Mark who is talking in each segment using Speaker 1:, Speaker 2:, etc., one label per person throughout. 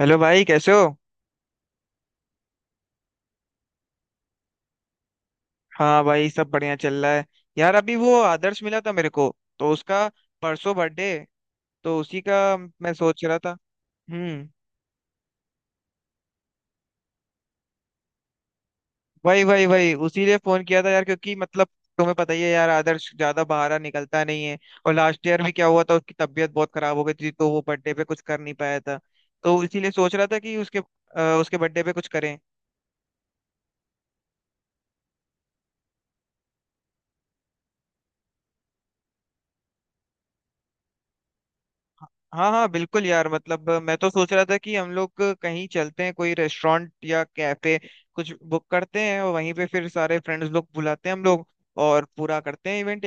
Speaker 1: Hello भाई, कैसे हो। हाँ भाई, सब बढ़िया चल रहा है। यार, अभी वो आदर्श मिला था मेरे को, तो उसका परसों बर्थडे, तो उसी का मैं सोच रहा था। हम्म। वही वही वही, उसीलिए फोन किया था यार, क्योंकि मतलब तुम्हें पता ही है यार, आदर्श ज्यादा बाहर निकलता नहीं है। और लास्ट ईयर भी क्या हुआ था, उसकी तबीयत बहुत खराब हो गई थी तो वो बर्थडे पे कुछ कर नहीं पाया था। तो इसीलिए सोच रहा था कि उसके उसके बर्थडे पे कुछ करें। हाँ हाँ, बिल्कुल यार, मतलब मैं तो सोच रहा था कि हम लोग कहीं चलते हैं, कोई रेस्टोरेंट या कैफे कुछ बुक करते हैं, और वहीं पे फिर सारे फ्रेंड्स लोग बुलाते हैं हम लोग, और पूरा करते हैं इवेंट।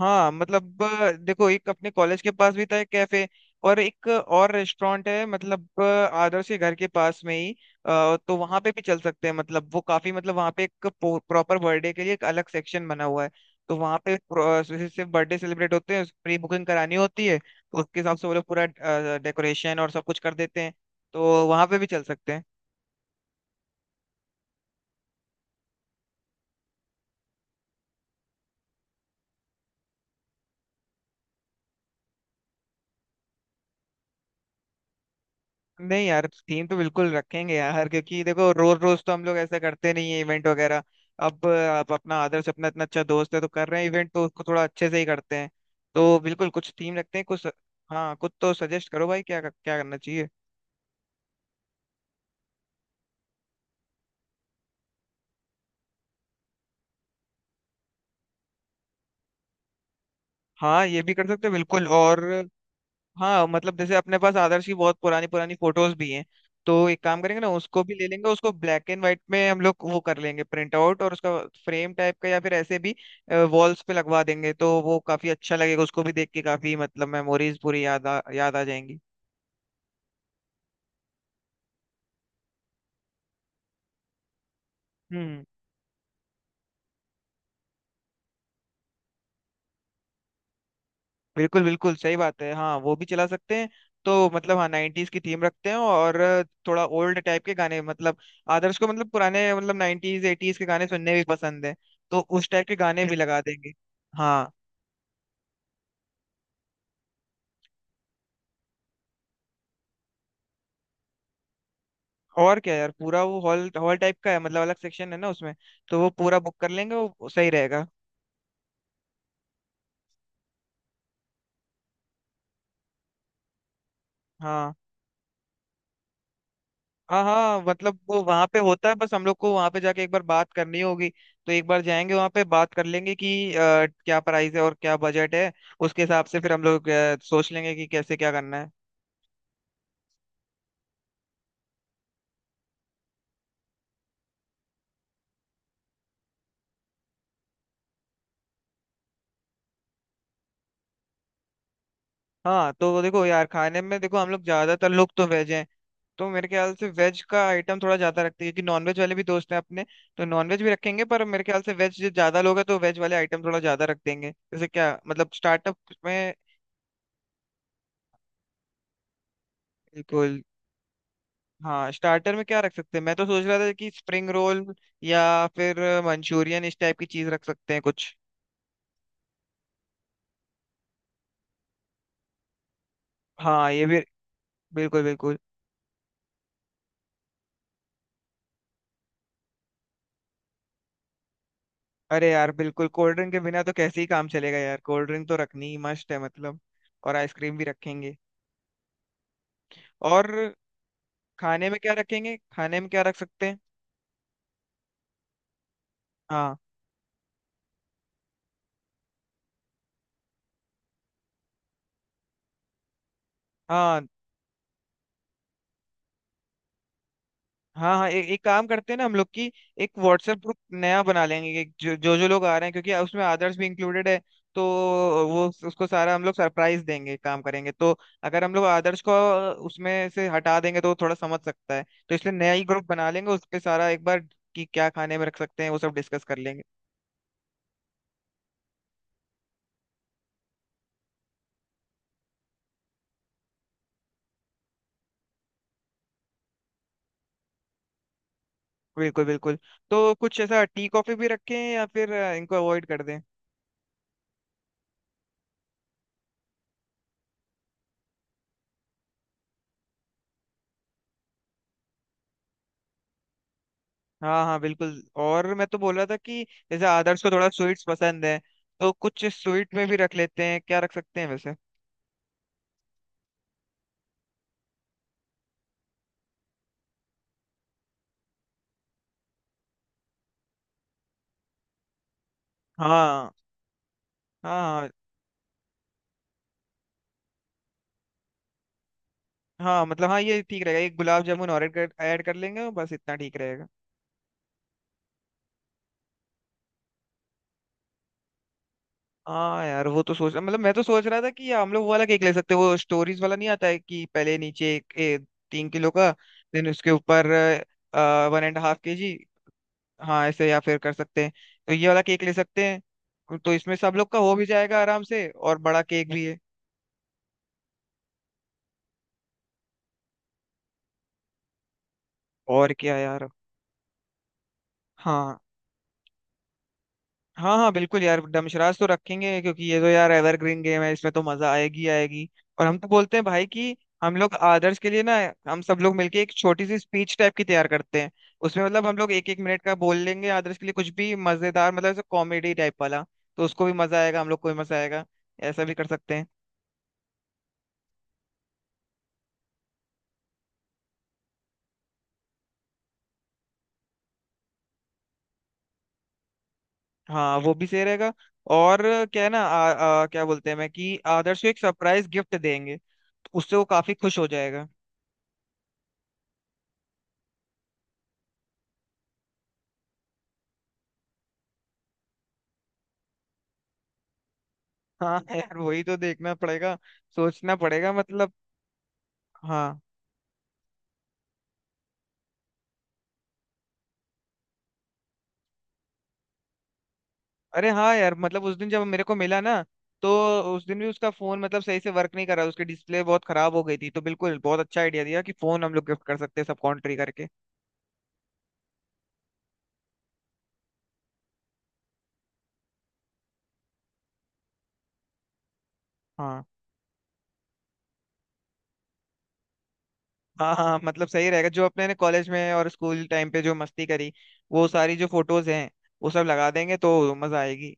Speaker 1: हाँ मतलब देखो, एक अपने कॉलेज के पास भी था एक कैफे, और एक और रेस्टोरेंट है मतलब आदर्श के घर के पास में ही। तो वहां पे भी चल सकते हैं, मतलब वो काफी, मतलब वहां पे एक प्रॉपर बर्थडे के लिए एक अलग सेक्शन बना हुआ है। तो वहां पे सिर्फ सिर्फ बर्थडे सेलिब्रेट होते हैं, प्री बुकिंग करानी होती है, तो उसके हिसाब से वो लोग पूरा डेकोरेशन और सब कुछ कर देते हैं। तो वहां पे भी चल सकते हैं। नहीं यार, थीम तो बिल्कुल रखेंगे यार, क्योंकि देखो रोज रोज तो हम लोग ऐसा करते नहीं है इवेंट वगैरह। अब अपना आदर्श अपना इतना अच्छा दोस्त है, तो कर रहे हैं इवेंट, तो उसको थोड़ा अच्छे से ही करते हैं। तो बिल्कुल कुछ थीम रखते हैं कुछ। हाँ, कुछ तो सजेस्ट करो भाई, क्या क्या करना चाहिए। हाँ, ये भी कर सकते हैं बिल्कुल। और हाँ मतलब जैसे अपने पास आदर्श की बहुत पुरानी पुरानी फोटोज भी हैं। तो एक काम करेंगे ना, उसको भी ले लेंगे, उसको ब्लैक एंड व्हाइट में हम लोग वो कर लेंगे प्रिंट आउट, और उसका फ्रेम टाइप का या फिर ऐसे भी वॉल्स पे लगवा देंगे, तो वो काफी अच्छा लगेगा, उसको भी देख के काफी मतलब मेमोरीज पूरी याद आ जाएंगी। हम्म। बिल्कुल बिल्कुल सही बात है, हाँ वो भी चला सकते हैं। तो मतलब हाँ, नाइन्टीज की थीम रखते हैं और थोड़ा ओल्ड टाइप के गाने, मतलब आदर्श को मतलब पुराने, मतलब नाइन्टीज एटीज के गाने सुनने भी पसंद है। तो उस टाइप के गाने भी लगा देंगे। हाँ और क्या यार, पूरा वो हॉल हॉल टाइप का है, मतलब अलग सेक्शन है ना उसमें, तो वो पूरा बुक कर लेंगे, वो सही रहेगा। हाँ हाँ हाँ, मतलब वो वहां पे होता है, बस हम लोग को वहां पे जाके एक बार बात करनी होगी। तो एक बार जाएंगे वहां पे बात कर लेंगे कि क्या प्राइस है और क्या बजट है, उसके हिसाब से फिर हम लोग सोच लेंगे कि कैसे क्या करना है। हाँ तो देखो यार, खाने में देखो, हम लोग ज्यादातर लोग तो वेज हैं। तो मेरे ख्याल से वेज का आइटम थोड़ा ज्यादा रखते हैं, क्योंकि नॉनवेज वाले भी दोस्त हैं अपने, तो नॉनवेज भी रखेंगे, पर मेरे ख्याल से वेज ज्यादा लोग हैं तो वेज वाले आइटम थोड़ा ज्यादा रख देंगे, जैसे क्या मतलब स्टार्टअप में, बिल्कुल। हाँ, स्टार्टर में क्या रख सकते हैं, मैं तो सोच रहा था कि स्प्रिंग रोल या फिर मंचूरियन इस टाइप की चीज रख सकते हैं कुछ। हाँ ये भी, बिल्कुल बिल्कुल। अरे यार बिल्कुल, कोल्ड ड्रिंक के बिना तो कैसे ही काम चलेगा यार, कोल्ड ड्रिंक तो रखनी ही मस्ट है मतलब, और आइसक्रीम भी रखेंगे। और खाने में क्या रखेंगे, खाने में क्या रख सकते हैं। हाँ, हाँ हाँ हाँ, एक काम करते हैं ना हम लोग की, एक व्हाट्सएप ग्रुप नया बना लेंगे, एक, जो जो जो लोग आ रहे हैं, क्योंकि उसमें आदर्श भी इंक्लूडेड है, तो वो उसको सारा हम लोग सरप्राइज देंगे काम करेंगे, तो अगर हम लोग आदर्श को उसमें से हटा देंगे तो वो थोड़ा समझ सकता है, तो इसलिए नया ही ग्रुप बना लेंगे, उस पे सारा एक बार कि क्या खाने में रख सकते हैं वो सब डिस्कस कर लेंगे। बिल्कुल बिल्कुल। तो कुछ ऐसा टी कॉफी भी रखें या फिर इनको अवॉइड कर दें। हाँ हाँ बिल्कुल। और मैं तो बोल रहा था कि जैसे आदर्श को थोड़ा स्वीट्स पसंद है, तो कुछ स्वीट में भी रख लेते हैं, क्या रख सकते हैं वैसे। हाँ हाँ हाँ, मतलब हाँ ये ठीक रहेगा, एक गुलाब जामुन और ऐड कर लेंगे, और बस इतना ठीक रहेगा। हाँ यार, वो तो सोच मतलब मैं तो सोच रहा था कि हम लोग वो वाला केक ले सकते हैं, वो स्टोरीज वाला नहीं आता है कि पहले नीचे 3 किलो का, देन उसके ऊपर 1.5 KG। हाँ ऐसे या फिर कर सकते हैं। तो ये वाला केक ले सकते हैं, तो इसमें सब लोग का हो भी जाएगा आराम से, और बड़ा केक भी है। और क्या यार, हाँ हाँ हाँ बिल्कुल यार, डमशरास तो रखेंगे क्योंकि ये तो यार एवरग्रीन गेम है, इसमें तो मजा आएगी आएगी। और हम तो बोलते हैं भाई कि हम लोग आदर्श के लिए ना, हम सब लोग मिलके एक छोटी सी स्पीच टाइप की तैयार करते हैं, उसमें मतलब हम लोग एक एक मिनट का बोल लेंगे आदर्श के लिए, कुछ भी मजेदार मतलब कॉमेडी टाइप वाला। तो उसको भी मजा आएगा, हम लोग को भी मजा आएगा, ऐसा भी कर सकते हैं। हाँ वो भी सही रहेगा। और क्या है ना, आ, आ, क्या बोलते हैं मैं कि आदर्श को एक सरप्राइज गिफ्ट देंगे, तो उससे वो काफी खुश हो जाएगा। हाँ यार, वही तो देखना पड़ेगा, सोचना पड़ेगा मतलब। हाँ, अरे हाँ यार, मतलब उस दिन जब मेरे को मिला ना, तो उस दिन भी उसका फोन मतलब सही से वर्क नहीं कर रहा, उसकी डिस्प्ले बहुत खराब हो गई थी, तो बिल्कुल बहुत अच्छा आइडिया दिया कि फोन हम लोग गिफ्ट कर सकते हैं सब कॉन्ट्री करके। हाँ हाँ हाँ, मतलब सही रहेगा, जो अपने ने कॉलेज में और स्कूल टाइम पे जो मस्ती करी, वो सारी जो फोटोज हैं वो सब लगा देंगे तो मजा आएगी।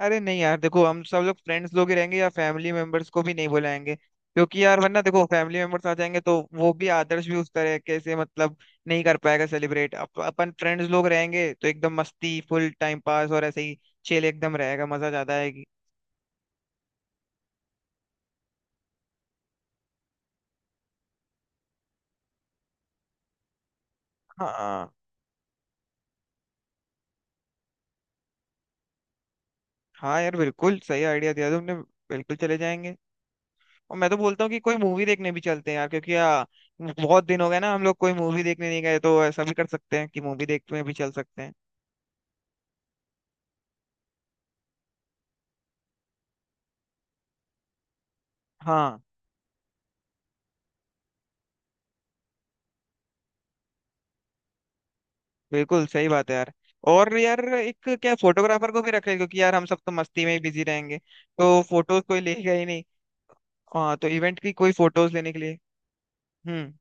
Speaker 1: अरे नहीं यार देखो, हम सब लोग फ्रेंड्स लोग ही रहेंगे या फैमिली मेंबर्स को भी नहीं बुलाएंगे, क्योंकि यार वरना देखो फैमिली मेंबर्स आ जाएंगे तो वो भी, आदर्श भी उस तरह के से मतलब नहीं कर पाएगा सेलिब्रेट, अपन फ्रेंड्स लोग रहेंगे तो एकदम मस्ती, फुल टाइम पास, और ऐसे ही चिल एकदम रहेगा, मजा ज्यादा आएगी। हाँ हाँ यार, बिल्कुल सही आइडिया दिया तुमने, बिल्कुल चले जाएंगे। और मैं तो बोलता हूँ कि कोई मूवी देखने भी चलते हैं यार, क्योंकि यार बहुत दिन हो गए ना हम लोग कोई मूवी देखने नहीं गए, तो ऐसा भी कर सकते हैं कि मूवी देखने भी चल सकते हैं। हाँ, बिल्कुल सही बात है यार। और यार एक क्या, फोटोग्राफर को भी रख ले, क्योंकि यार हम सब तो मस्ती में ही बिजी रहेंगे, तो फोटोज कोई लेगा ही नहीं। हाँ, तो इवेंट की कोई फोटोज लेने के लिए। हम्म।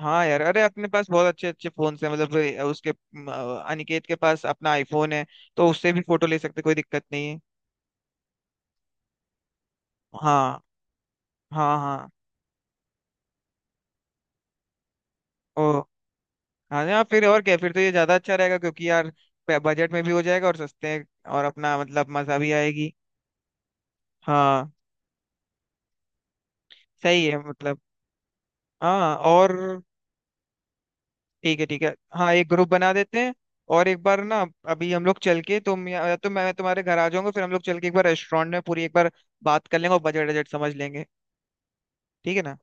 Speaker 1: हाँ यार, अरे अपने पास बहुत अच्छे अच्छे फोन है, मतलब उसके अनिकेत के पास अपना आईफोन है, तो उससे भी फोटो ले सकते, कोई दिक्कत नहीं है। हाँ हाँ हाँ। ओ हाँ यार, फिर और क्या, फिर तो ये ज्यादा अच्छा रहेगा क्योंकि यार बजट में भी हो जाएगा और सस्ते, और अपना मतलब मजा भी आएगी। हाँ सही है मतलब, हाँ और ठीक है ठीक है, हाँ एक ग्रुप बना देते हैं। और एक बार ना, अभी हम लोग चल के, तुम या तो मैं तुम्हारे घर आ जाऊंगा, फिर हम लोग चल के एक बार रेस्टोरेंट में पूरी एक बार बात कर लेंगे, और बजट बजट समझ लेंगे। ठीक है ना।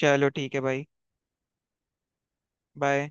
Speaker 1: चलो ठीक है भाई। बाय।